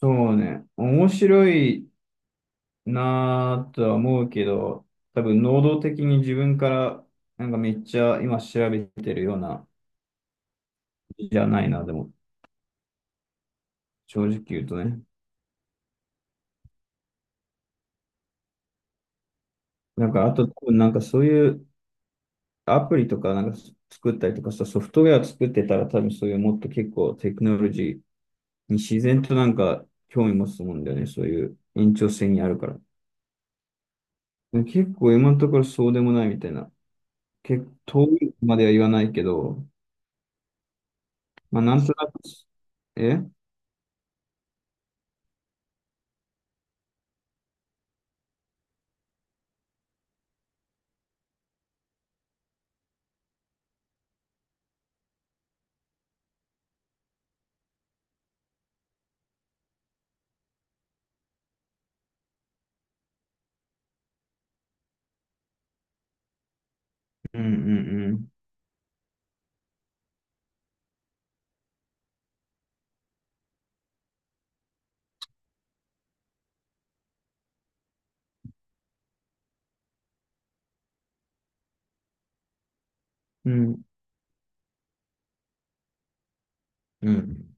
そうね。面白いなぁとは思うけど、多分能動的に自分から、なんかめっちゃ今調べてるような、じゃないな、でも、正直言うとね。なんか、あと多分なんかそういうアプリとかなんか作ったりとかさ、ソフトウェア作ってたら多分そういうもっと結構テクノロジーに自然となんか興味持つと思うんだよね。そういう延長線にあるから。で結構今のところそうでもないみたいな。結構遠いまでは言わないけど、まあ、なんとなく、えうんうんうん。うん。うん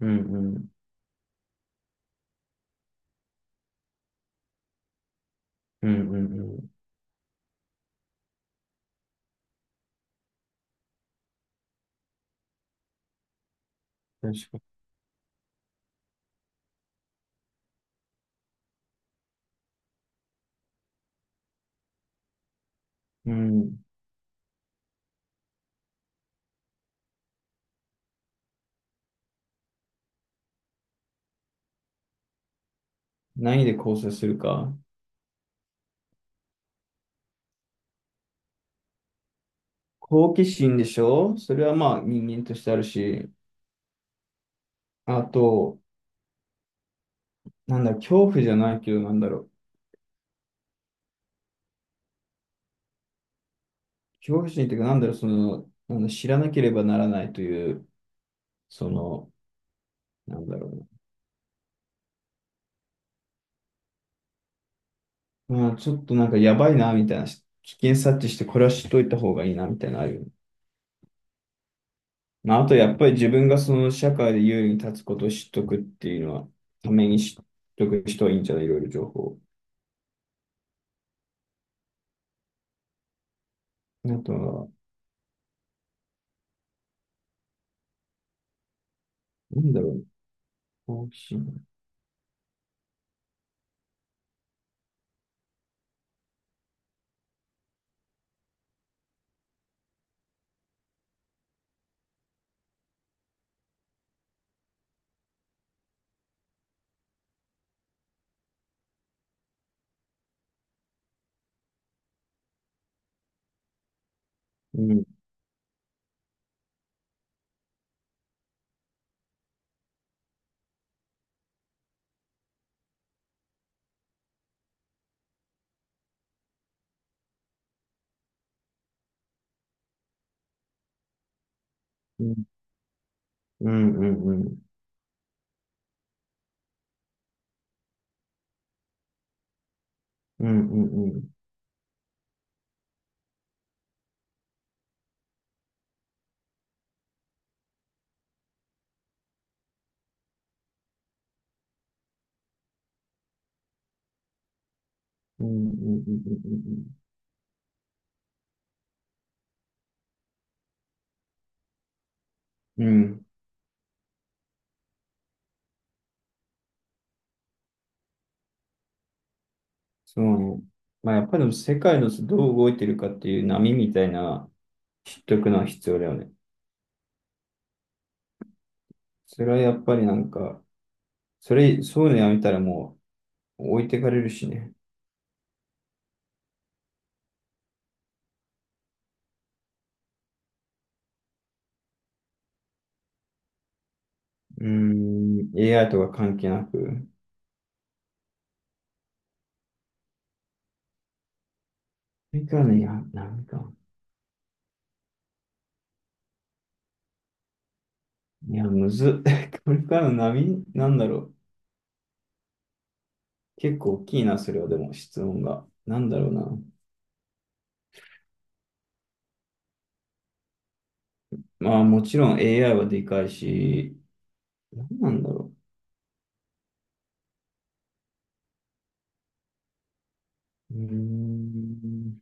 うんうんうんうんうん。確かに。うん。何で構成するか。好奇心でしょそれはまあ人間としてあるし。あと、なんだ、恐怖じゃないけど、なんだろう。恐怖心っていうか、なんだろう、その、なんだ、知らなければならないという、その、なんだろうな。まあ、ちょっとなんかやばいな、みたいな。危険察知して、これは知っといた方がいいな、みたいなのあるよね。まあ、あとやっぱり自分がその社会で優位に立つことを知っとくっていうのは、ために知っとく人はいいんじゃないいろいろ情報。あとは、なんだろうね。好奇うん、うん、うん、うん、うん、うん、うん、うん、うん、うん、うん、うん、うん、そうね。まあ、やっぱりでも世界のどう動いてるかっていう波みたいな、知っとくのは必要だよね。それはやっぱりなんか、そういうのやめたらもう置いてかれるしね。うーん、AI とか関係なく。これからの、いや、波か。いや、むずっ。これからの波、なんだろう。結構大きいな、それは、でも、質問が。なんだろうな。まあ、もちろん AI はでかいし、なんなんだろう。うーん。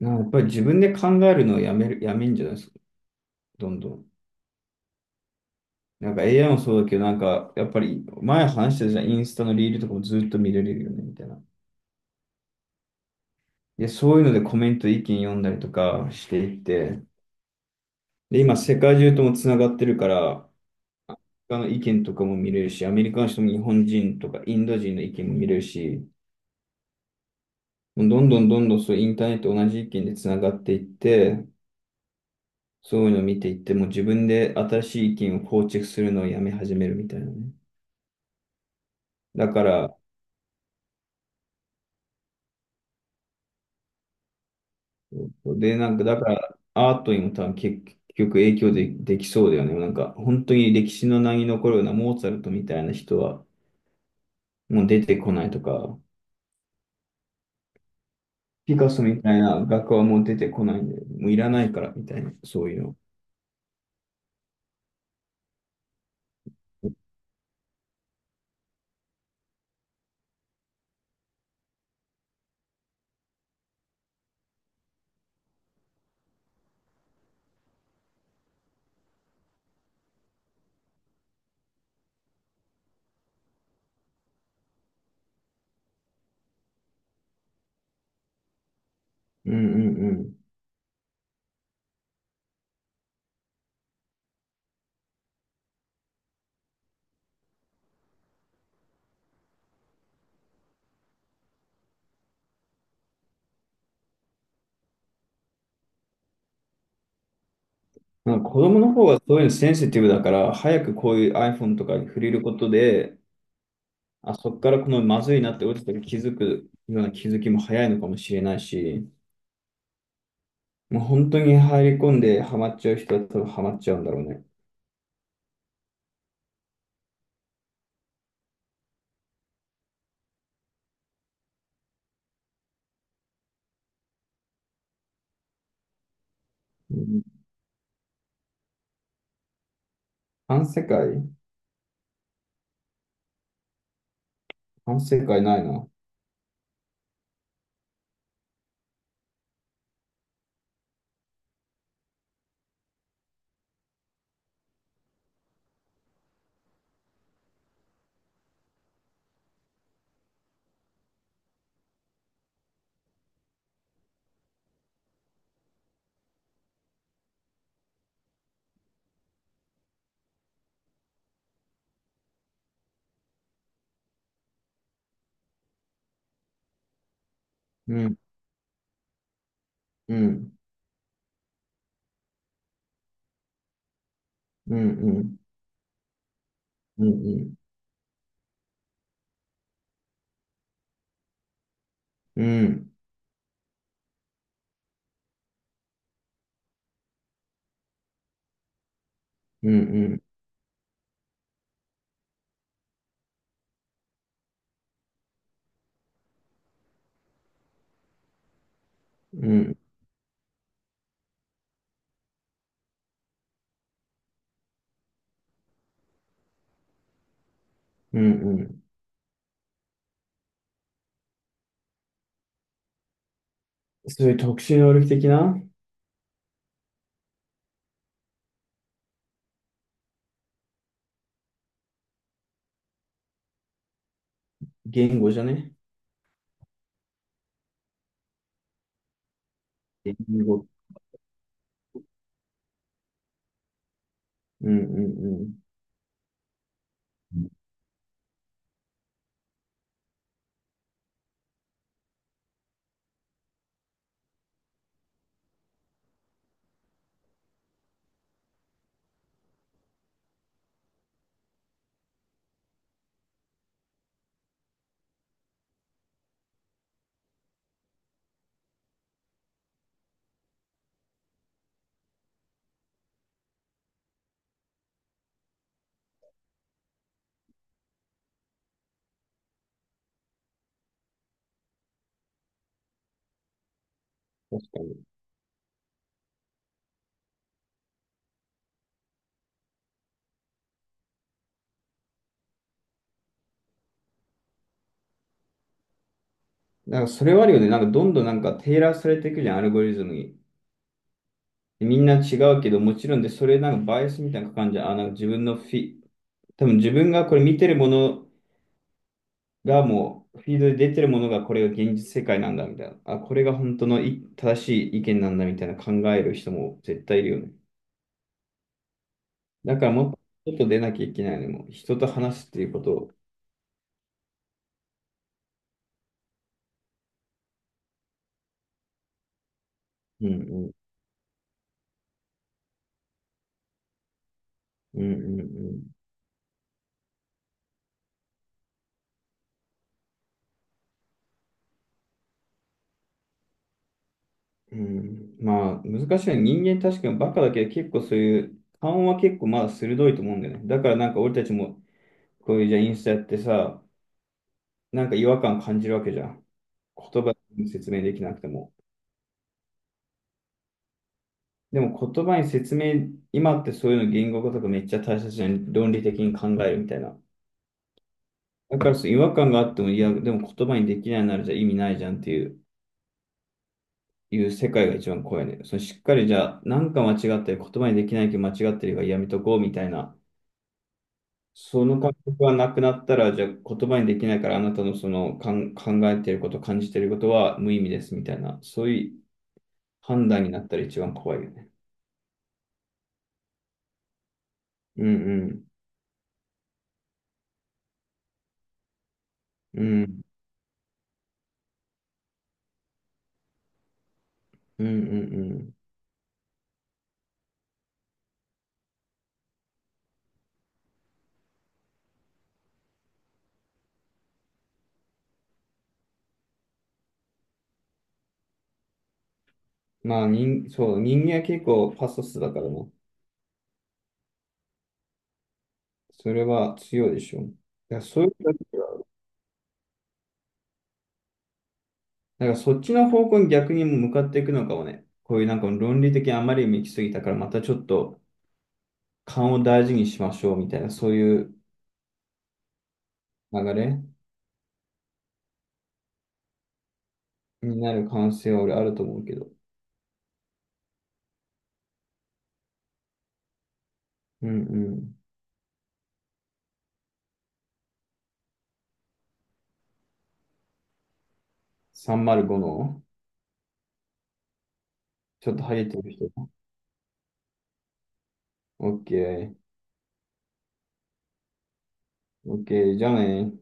なんかやっぱり自分で考えるのをやめる、やめんじゃないですか、どんどん。なんか AI もそうだけど、なんか、やっぱり、前話してたじゃん、インスタのリールとかもずっと見られるよね、みたいな。で、そういうのでコメント、意見読んだりとかしていって、で、今、世界中ともつながってるから、他の意見とかも見れるし、アメリカの人も日本人とかインド人の意見も見れるし、もうどんどんどんどんそうインターネット同じ意見でつながっていって、そういうのを見ていって、もう自分で新しい意見を構築するのをやめ始めるみたいなね。だから、で、なんか、だから、アートにも多分結局影響で、できそうだよね。なんか、本当に歴史の名に残るようなモーツァルトみたいな人はもう出てこないとか、ピカソみたいな画家はもう出てこないんで、もういらないからみたいな、そういうの。うんうんうん。なんか子供の方がそういうのセンシティブだから、早くこういう iPhone とかに触れることで、あ、そこからこのまずいなって落ちた時気づくような気づきも早いのかもしれないし、もう本当に入り込んでハマっちゃう人は多分ハマっちゃうんだろうね。うん、反世界反世界ないな。うん、うん、うん、うん、うん、うん、うん、うん、うん、うん、うん。そういう特殊能力的な言語じゃね言語。うん、うん、うん。確かに。なんかそれはあるよね。なんかどんどんなんかテーラーされていくじゃん、アルゴリズムに。みんな違うけど、もちろんで、それなんかバイアスみたいな感じゃん。あ、なんか自分のフィ、多分自分がこれ見てるものがもう、フィードで出てるものがこれが現実世界なんだみたいな。あ、これが本当のい正しい意見なんだみたいな考える人も絶対いるよね。だからもっと外出なきゃいけないのもう人と話すっていうことを。うんうん。うんうんうん。うん、まあ、難しいね。人間確かにバカだけど、結構そういう、勘は結構まだ鋭いと思うんだよね。だからなんか俺たちも、こういうじゃあインスタやってさ、なんか違和感感じるわけじゃん。言葉に説明できなくても。でも言葉に説明、今ってそういうの言語化とかめっちゃ大切じゃん。論理的に考えるみたいな。だからそう違和感があっても、いや、でも言葉にできないならじゃあ意味ないじゃんっていう、いう世界が一番怖いね。そのしっかりじゃあ、なんか間違ってる、言葉にできないけど間違ってるがやめとこうみたいな。その感覚がなくなったら、じゃあ言葉にできないからあなたのそのかん考えていること、感じていることは無意味ですみたいな、そういう判断になったら一番怖いよね。うんうん。うんうんうんうん。まあ人、そう、人間は結構パソスだからね。それは強いでしょ。だからそういう人たちは、なんかそっちの方向に逆に向かっていくのかもね。こういうなんか論理的にあまりに行き過ぎたから、またちょっと勘を大事にしましょうみたいな、そういう流れ。になる可能性は俺あると思うけど。うんうん。305のちょっとハゲてる人。オッケー。オッケー。じゃあね。